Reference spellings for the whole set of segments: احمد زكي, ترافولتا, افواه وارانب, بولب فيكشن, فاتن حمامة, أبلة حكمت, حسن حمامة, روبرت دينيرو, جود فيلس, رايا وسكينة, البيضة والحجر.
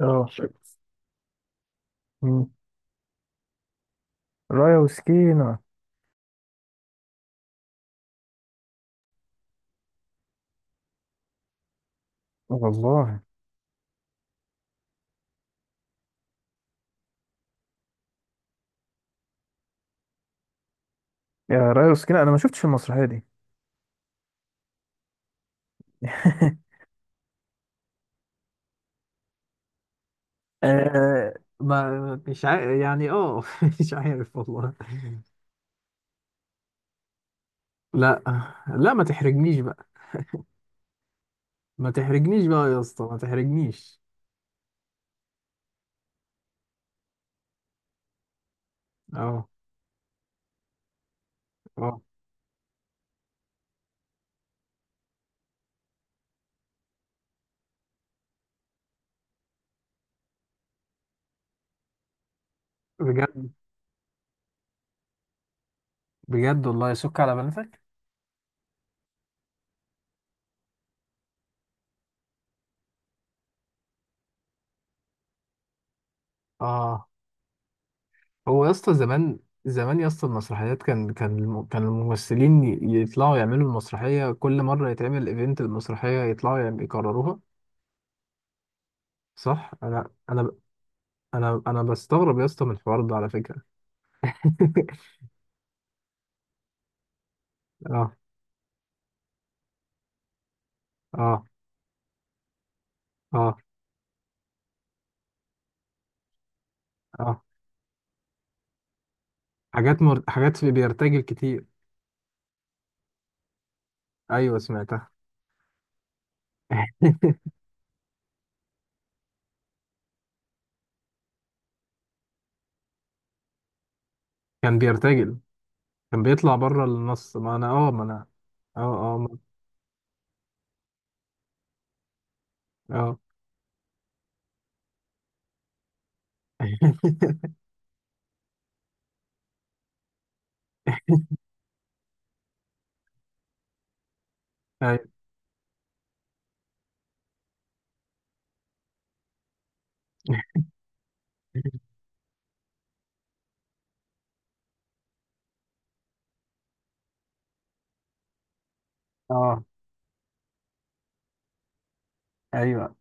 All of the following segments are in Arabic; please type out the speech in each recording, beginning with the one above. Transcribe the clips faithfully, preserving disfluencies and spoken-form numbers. اه مم. رايا وسكينة. والله يا رايا وسكينة أنا ما شفتش المسرحية دي. آه ما مش عارف يعني اه مش عارف والله. لا، لا ما تحرجنيش بقى، ما تحرجنيش بقى يا اسطى، ما تحرجنيش. اه اه بجد، بجد والله سك على بنفك. اه هو يا اسطى زمان، زمان يا اسطى المسرحيات كان كان الم- كان الممثلين ي- يطلعوا يعملوا المسرحية، كل مرة يتعمل ايفنت المسرحية يطلعوا يعم- يكرروها. صح، انا انا انا انا بستغرب يا اسطى من الحوار ده على فكره. اه اه اه اه حاجات مر... حاجات في بيرتجل كتير. ايوه سمعتها. كان بيرتجل، كان بيطلع بره النص. ما انا اه ما انا اه اه ما... اه أيوة. اه ايوه،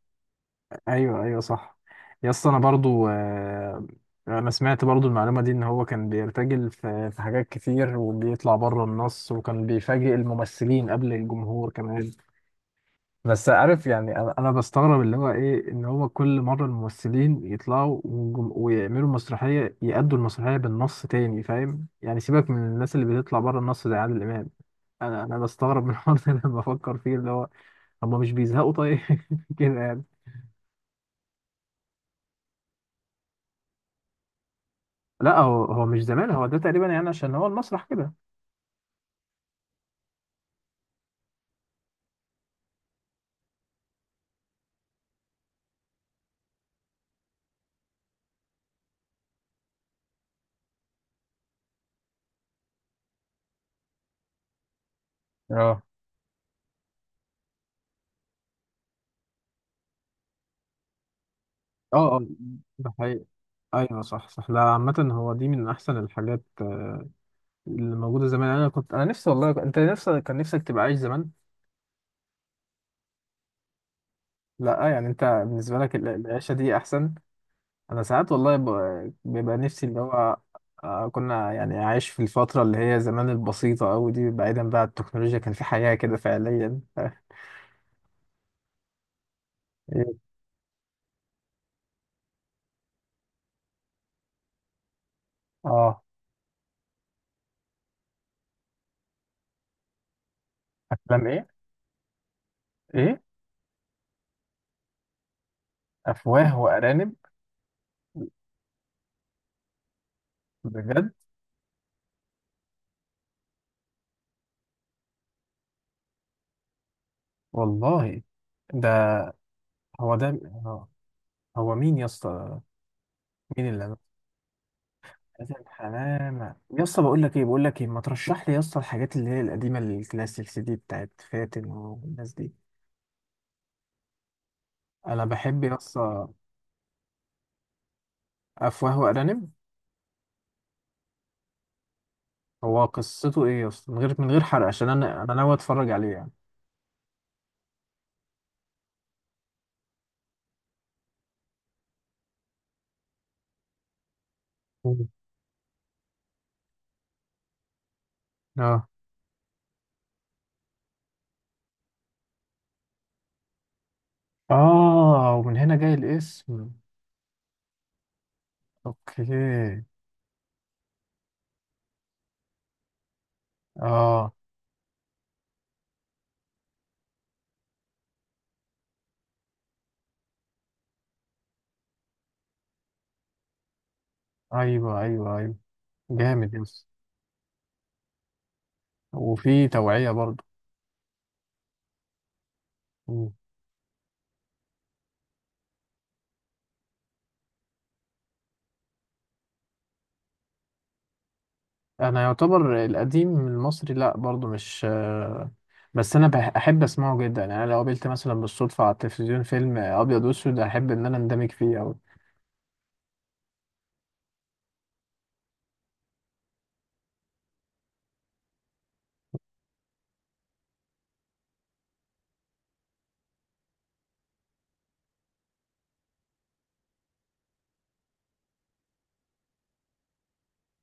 ايوه، ايوه، صح. يا اسطى انا برضو، آه، انا سمعت برضو المعلومه دي ان هو كان بيرتجل في في حاجات كتير، وبيطلع بره النص، وكان بيفاجئ الممثلين قبل الجمهور كمان. بس عارف يعني، انا انا بستغرب اللي هو ايه، ان هو كل مره الممثلين يطلعوا وجم- ويعملوا مسرحيه، يأدوا المسرحيه بالنص تاني، فاهم يعني؟ سيبك من الناس اللي بتطلع بره النص زي عادل امام. انا انا بستغرب من الحوار ده لما بفكر فيه، اللي هو هم مش بيزهقوا طيب؟ كده يعني. لا، هو هو مش زمان، هو ده تقريبا يعني، عشان هو المسرح كده. اه اه اه ده حقيقي. ايوه صح، صح. لا عامة هو دي من احسن الحاجات آه، اللي موجودة زمان. انا كنت انا نفسي والله، انت نفسك كان نفسك تبقى عايش زمان. لا يعني انت بالنسبه لك ال- العيشه دي احسن. انا ساعات والله ب- بيبقى نفسي اللي هو آه، كنا يعني عايش في الفتره اللي هي زمان البسيطه قوي دي، بعيدا بقى عن التكنولوجيا، كان في حياه كده فعليا. ف- ايه؟ اه افلام ايه؟ ايه؟ افواه وارانب؟ بجد؟ والله. ده هو ده، آه، هو مين يا اسطى؟ مين اللي عمل؟ حسن حمامة. يا اسطى بقول لك ايه، بقول لك ايه، ما ترشح لي يا اسطى الحاجات اللي هي القديمه الكلاسيك سي دي بتاعت فاتن والناس دي. انا بحب يا اسطى افواه وارانب. هو قصته ايه يا اسطى، من غير من غير حرق، عشان انا انا ناوي اتفرج عليه يعني. مم. اه اه ومن هنا جاي الاسم. اوكي. اه ايوه، ايوه، ايوه، جامد يا اسطى. وفي توعية برضه. مم. انا يعتبر القديم المصري لا برضه مش آه، بس انا بح- احب اسمعه جدا يعني. أنا لو قابلت مثلا بالصدفة على التلفزيون فيلم ابيض واسود، احب ان انا اندمج فيه اوي.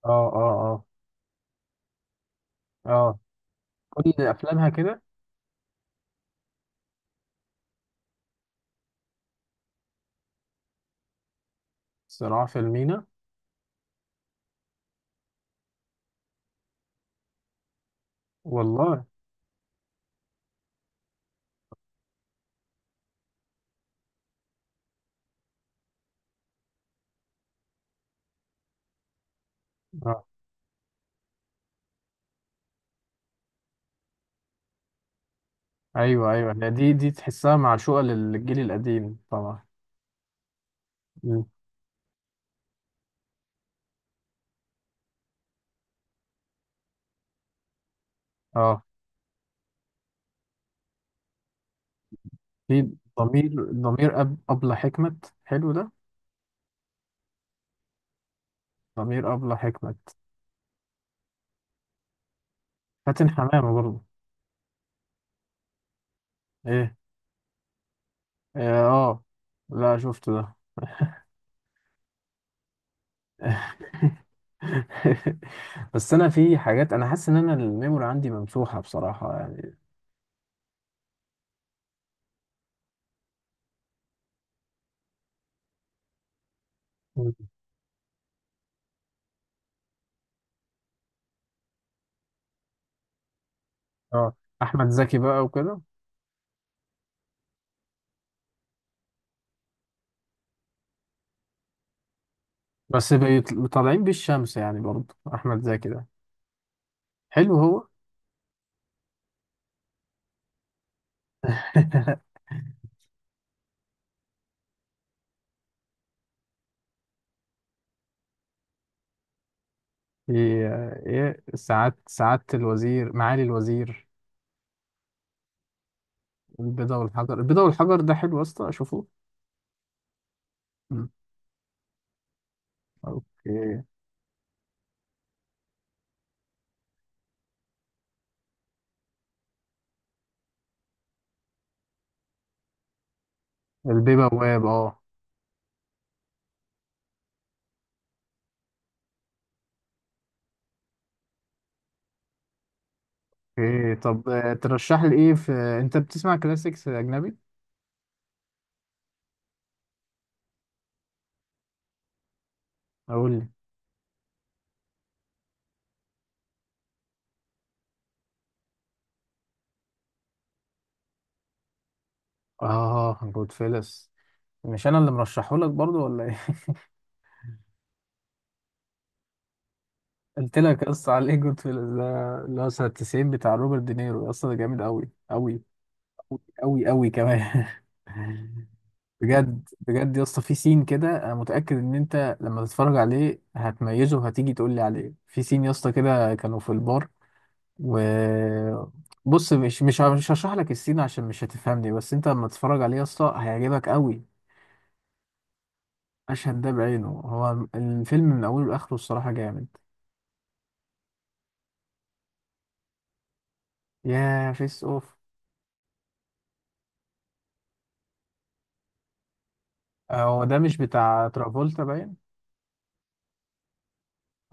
اه اه اه اه كل افلامها كده. صراع في المينا. والله. اه ايوه، ايوه، هي دي دي تحسها معشوقة للجيل القديم طبعا. مم. اه في ضمير ضمير أب أبلة حكمت، حلو ده. ضمير أبلة حكمت. فاتن حمامة برضه. ايه؟ اه آه. لا شفت ده. بس انا في حاجات انا حاسس ان انا الميموري عندي ممسوحة بصراحة يعني. مم. اه احمد زكي بقى وكده. بس بيطل- طالعين بالشمس يعني برضه احمد زكي ده، حلو هو. ايه؟ ايه؟ سعادة، سعادة الوزير، معالي الوزير، البيضة والحجر. البيضة والحجر ده حلو يا اسطى، اشوفه. مم. اوكي. البيبواب. اه اوكي. طب آه، ترشح لي ايه في، انت بتسمع كلاسيكس اجنبي؟ اقول لي. اه جود فيلس. مش انا اللي مرشحه لك برضو، ولا ايه؟ قلت لك يا اسطى على ايه؟ جود فيلس ده اللي هو سنة تسعين، بتاع روبرت دينيرو. يا اسطى ده جامد قوي، قوي قوي قوي قوي كمان. بجد، بجد يا اسطى، في سين كده انا متاكد ان انت لما تتفرج عليه هتميزه، وهتيجي تقول لي عليه. في سين يا اسطى كده كانوا في البار، و بص، مش مش مش هشرح لك السين عشان مش هتفهمني، بس انت لما تتفرج عليه يا اسطى هيعجبك قوي. المشهد ده بعينه، هو الفيلم من اوله لاخره الصراحه جامد. يا فيس اوف؟ آه، هو ده مش بتاع ترافولتا باين؟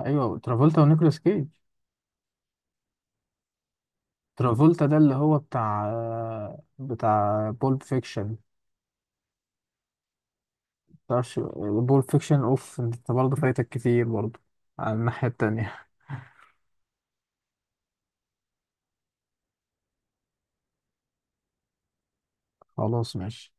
ايوه، ترافولتا ونيكولاس كيج. ترافولتا ده اللي هو بتاع آه، بتاع بولب فيكشن. متعرفش. بول فيكشن اوف، انت برضه فايتك كتير برضه على الناحية التانية. خلاص ماشي.